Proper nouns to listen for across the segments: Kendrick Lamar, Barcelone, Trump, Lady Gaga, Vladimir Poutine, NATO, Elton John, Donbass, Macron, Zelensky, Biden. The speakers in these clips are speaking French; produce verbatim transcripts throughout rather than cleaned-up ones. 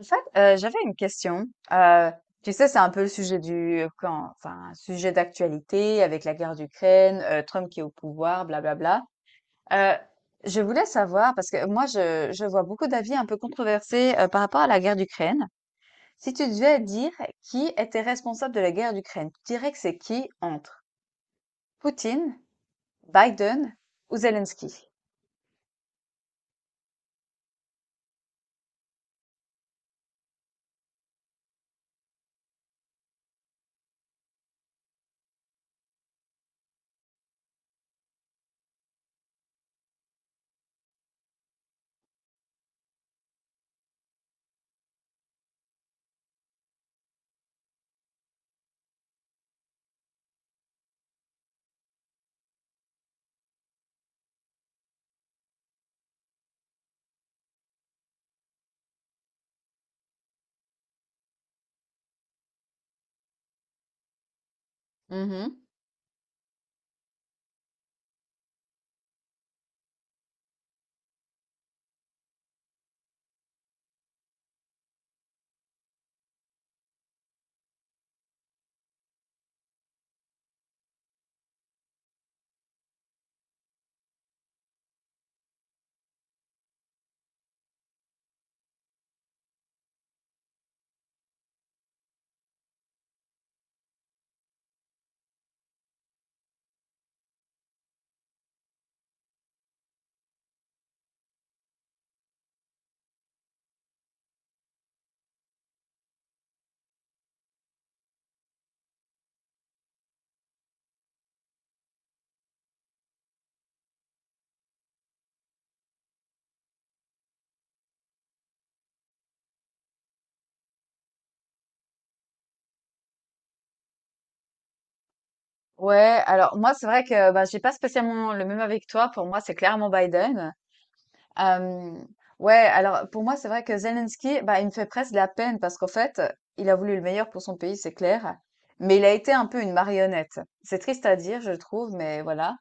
En fait, euh, j'avais une question. Euh, tu sais, c'est un peu le sujet du, euh, quand, enfin, un sujet d'actualité avec la guerre d'Ukraine, euh, Trump qui est au pouvoir, blablabla. Euh, je voulais savoir, parce que moi, je, je vois beaucoup d'avis un peu controversés euh, par rapport à la guerre d'Ukraine. Si tu devais dire qui était responsable de la guerre d'Ukraine, tu dirais que c'est qui entre Poutine, Biden ou Zelensky? Mhm. Ouais, alors moi, c'est vrai que bah, j'ai pas spécialement le même avec toi. Pour moi, c'est clairement Biden. Hem, ouais, alors pour moi, c'est vrai que Zelensky, bah, il me fait presque de la peine parce qu'en fait, il a voulu le meilleur pour son pays, c'est clair, mais il a été un peu une marionnette. C'est triste à dire, je trouve, mais voilà.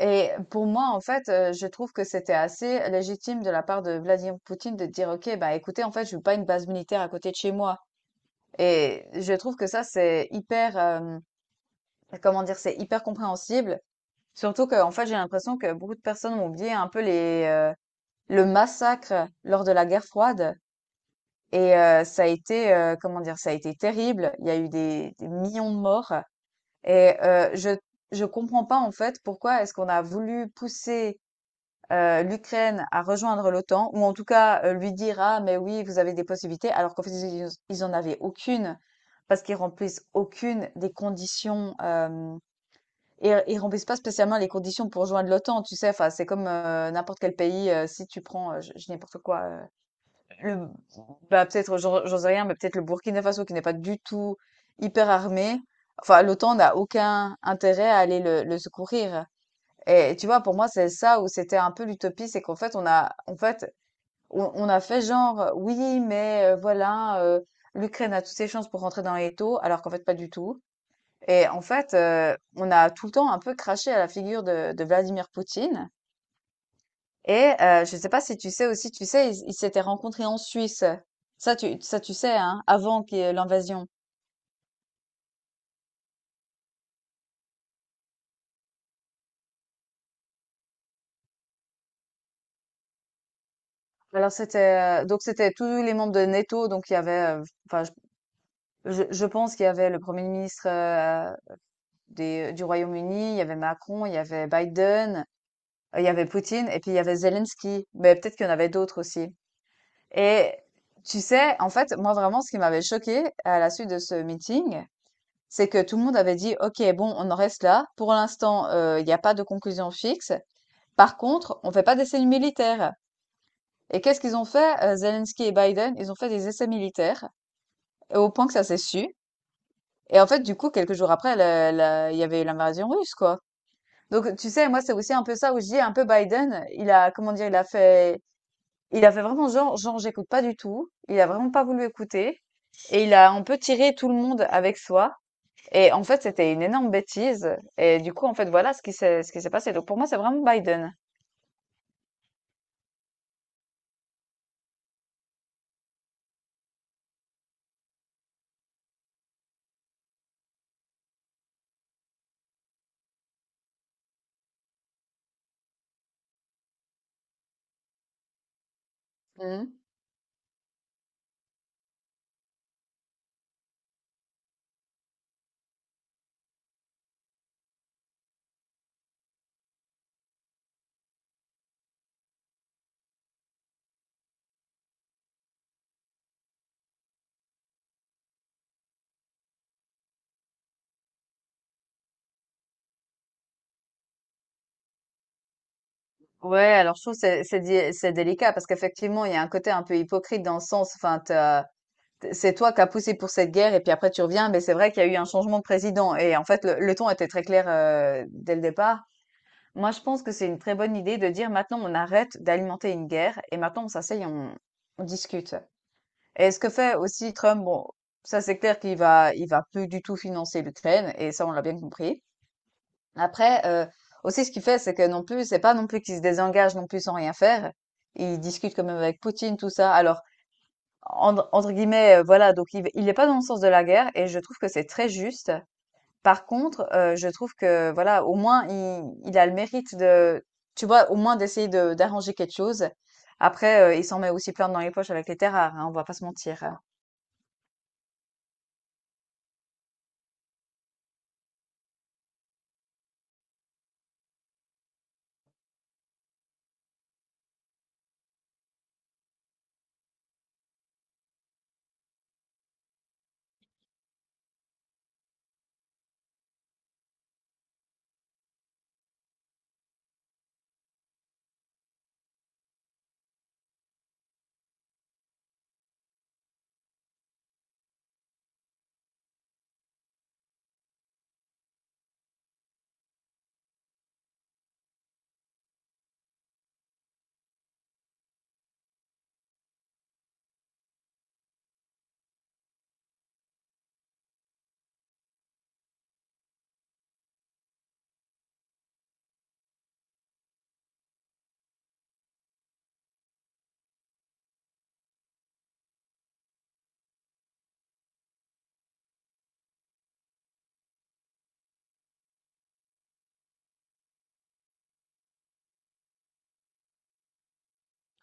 Et pour moi, en fait, heu, je trouve que c'était assez légitime de la part de Vladimir Poutine de dire: «OK, bah, écoutez, en fait, je veux pas une base militaire à côté de chez moi», et je trouve que ça, c'est hyper, hem, comment dire? C'est hyper compréhensible, surtout qu'en fait, j'ai l'impression que beaucoup de personnes ont oublié un peu les, euh, le massacre lors de la guerre froide. Et euh, ça a été, euh, comment dire, ça a été terrible. Il y a eu des, des millions de morts. Et euh, je je comprends pas en fait pourquoi est-ce qu'on a voulu pousser euh, l'Ukraine à rejoindre l'O T A N, ou en tout cas euh, lui dire ah mais oui vous avez des possibilités alors qu'en fait ils, ils en avaient aucune parce qu'ils remplissent aucune des conditions euh, et ils remplissent pas spécialement les conditions pour joindre l'O T A N, tu sais, enfin c'est comme euh, n'importe quel pays euh, si tu prends euh, je, je dis n'importe quoi euh, le bah, peut-être, j'en j'en sais rien, mais peut-être le Burkina Faso qui n'est pas du tout hyper armé. Enfin, l'O T A N n'a aucun intérêt à aller le, le secourir. Et tu vois, pour moi, c'est ça où c'était un peu l'utopie, c'est qu'en fait, on a, en fait, on, on a fait genre, oui, mais euh, voilà, euh, l'Ukraine a toutes ses chances pour rentrer dans les taux, alors qu'en fait, pas du tout. Et en fait, euh, on a tout le temps un peu craché à la figure de, de Vladimir Poutine. Et euh, je sais pas si tu sais aussi, tu sais, ils ils s'étaient rencontrés en Suisse. Ça, tu, ça, tu sais, hein, avant qu'il y ait l'invasion. Alors c'était euh, donc c'était tous les membres de NATO, donc il y avait, euh, enfin, je, je je pense qu'il y avait le Premier ministre euh, des, euh, du Royaume-Uni, il y avait Macron, il y avait Biden, euh, il y avait Poutine, et puis il y avait Zelensky. Mais peut-être qu'il y en avait d'autres aussi. Et tu sais, en fait, moi vraiment, ce qui m'avait choqué à la suite de ce meeting, c'est que tout le monde avait dit: «OK, bon, on en reste là. Pour l'instant, heu, il y a pas de conclusion fixe. Par contre, on ne fait pas d'essais militaires». Et qu'est-ce qu'ils ont fait, heu, Zelensky et Biden? Ils ont fait des essais militaires, et au point que ça s'est su. Et en fait, du coup, quelques jours après, la la il y avait eu l'invasion russe, quoi. Donc tu sais, moi, c'est aussi un peu ça où je dis un peu Biden, il a comment dire? Il a fait il a fait vraiment genre genre: «J'écoute pas du tout». Il a vraiment pas voulu écouter, et il a un peu tiré tout le monde avec soi. Et en fait, c'était une énorme bêtise. Et du coup, en fait, voilà ce qui s'est, ce qui s'est passé. Donc pour moi, c'est vraiment Biden. Mhm. Ouais, alors je trouve que c'est c'est di- c'est délicat parce qu'effectivement, il y a un côté un peu hypocrite dans le sens, enfin, t'as- t- c'est toi qui as poussé pour cette guerre et puis après tu reviens, mais c'est vrai qu'il y a eu un changement de président, et en fait, le, le ton était très clair euh, dès le départ. Moi, je pense que c'est une très bonne idée de dire maintenant on arrête d'alimenter une guerre et maintenant on s'asseye, on, on discute. Et ce que fait aussi Trump, bon, ça c'est clair qu'il va, il va plus du tout financer l'Ukraine, et ça on l'a bien compris. Après, euh, aussi ce qu'il fait, c'est que non plus, c'est pas non plus qu'il se désengage non plus sans rien faire. Il discute quand même avec Poutine, tout ça. Alors, entre, entre guillemets, euh, voilà, donc il, il est pas dans le sens de la guerre, et je trouve que c'est très juste. Par contre, heu, je trouve que voilà, au moins il il a le mérite de tu vois, au moins d'essayer de d'arranger quelque chose. Après, heu, il s'en met aussi plein dans les poches avec les terres rares, hein, on va pas se mentir, hein.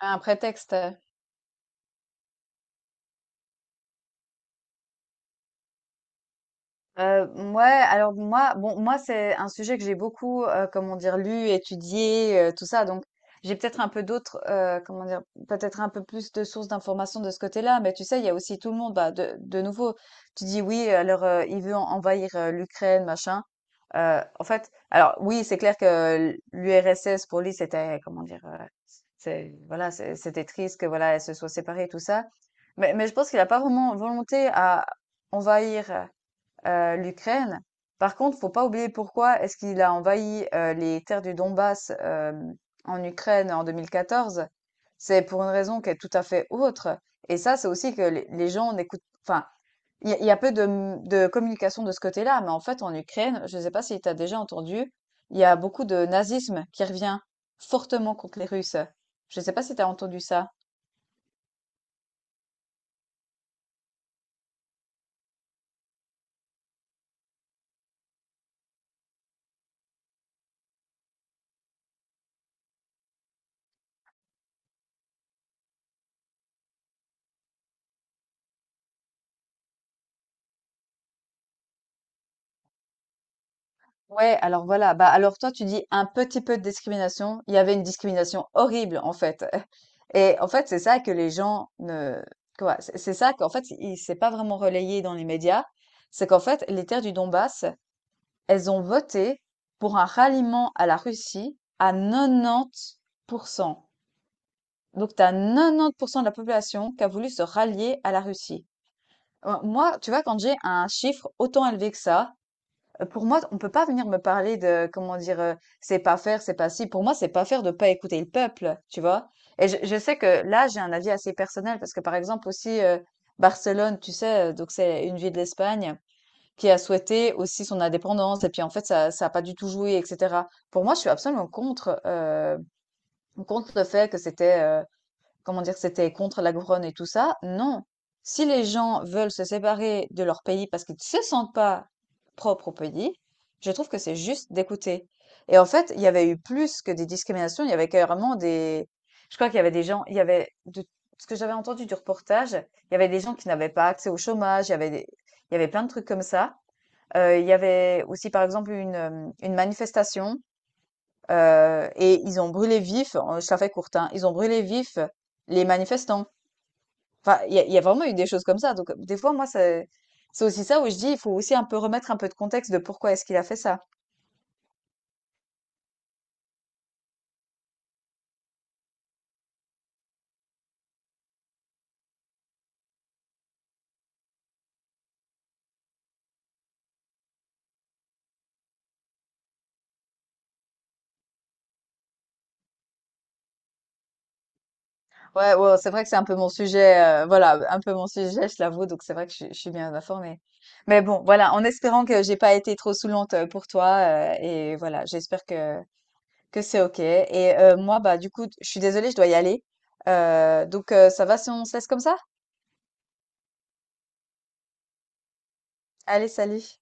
Un prétexte? Heu, mouais, alors moi bon, moi, c'est un sujet que j'ai beaucoup, heu, comment dire, lu, étudié, heu, tout ça, donc j'ai peut-être un peu d'autres, heu, comment dire? Peut-être un peu plus de sources d'informations de ce côté-là, mais tu sais, il y a aussi tout le monde, bah, de de nouveau, tu dis: «Oui, alors, heu, il veut en envahir, heu, l'Ukraine, machin». Heu, en fait, alors oui, c'est clair que l l'U R S S, pour lui, c'était comment dire? Heu, c'est voilà, c'est c'était triste que, voilà, elle se soit séparée, tout ça, mais mais je pense qu'il a pas vraiment volonté à envahir, euh, l'Ukraine. Par contre, faut pas oublier pourquoi est-ce qu'il a envahi euh, les terres du Donbass euh, en Ukraine en deux mille quatorze. C'est pour une raison qui est tout à fait autre. Et ça, c'est aussi que les, les gens n'écoutent. Enfin, il y, a- il y a peu de, m- de communication de ce côté-là, mais en fait, en Ukraine, je ne sais pas si tu as déjà entendu, il y a beaucoup de nazisme qui revient fortement contre les Russes. Je ne sais pas si tu as entendu ça. Ouais, alors voilà. Bah alors toi, tu dis un petit peu de discrimination. Il y avait une discrimination horrible, en fait. Et en fait, c'est ça que les gens ne, quoi, c'est c'est ça qu'en fait, il s'est pas vraiment relayé dans les médias. C'est qu'en fait, les terres du Donbass, elles ont voté pour un ralliement à la Russie à quatre-vingt-dix pour cent. Donc, tu as quatre-vingt-dix pour cent de la population qui a voulu se rallier à la Russie. Euh, Moi, tu vois, quand j'ai un chiffre autant élevé que ça, Heu, pour moi, on peut pas venir me parler de comment dire, heu, c'est pas faire, c'est pas si. Pour moi, c'est pas faire de pas écouter le peuple, tu vois? Et je je sais que là, j'ai un avis assez personnel parce que, par exemple, aussi, heu, Barcelone, tu sais, heu, donc c'est une ville d'Espagne qui a souhaité aussi son indépendance et puis, en fait, ça ça a pas du tout joué et cetera. Pour moi, je suis absolument contre, heu, contre le fait que c'était, heu comment dire, c'était contre la couronne et tout ça. Non. Si les gens veulent se séparer de leur pays parce qu'ils ne se sentent pas propres au pays, je trouve que c'est juste d'écouter. Et en fait, il y avait eu plus que des discriminations, il y avait carrément des... Je crois qu'il y avait des gens, il y avait, de ce que j'avais entendu du reportage, il y avait des gens qui n'avaient pas accès au chômage, il y avait des... il y avait plein de trucs comme ça. Euh, il y avait aussi, par exemple, une, euh, une manifestation euh, et ils ont brûlé vif, euh, je la fais courte, hein, ils ont brûlé vif les manifestants. Enfin, il y a il y a vraiment eu des choses comme ça, donc heu, des fois, moi, c'est c'est aussi ça où je dis: «Il faut aussi un peu remettre un peu de contexte de pourquoi est-ce qu'il a fait ça». Ouais, ouais, c'est vrai que c'est un peu mon sujet, heu, voilà, un peu mon sujet, je l'avoue, donc c'est vrai que je suis je suis bien informée. Mais bon, voilà, en espérant que j'ai pas été trop saoulante, heu, pour toi, heu et voilà, j'espère que Que c'est OK. Et euh, moi, bah, du coup, je suis désolée, je dois y aller. Euh, donc, euh, ça va si on se laisse comme ça? Allez, salut.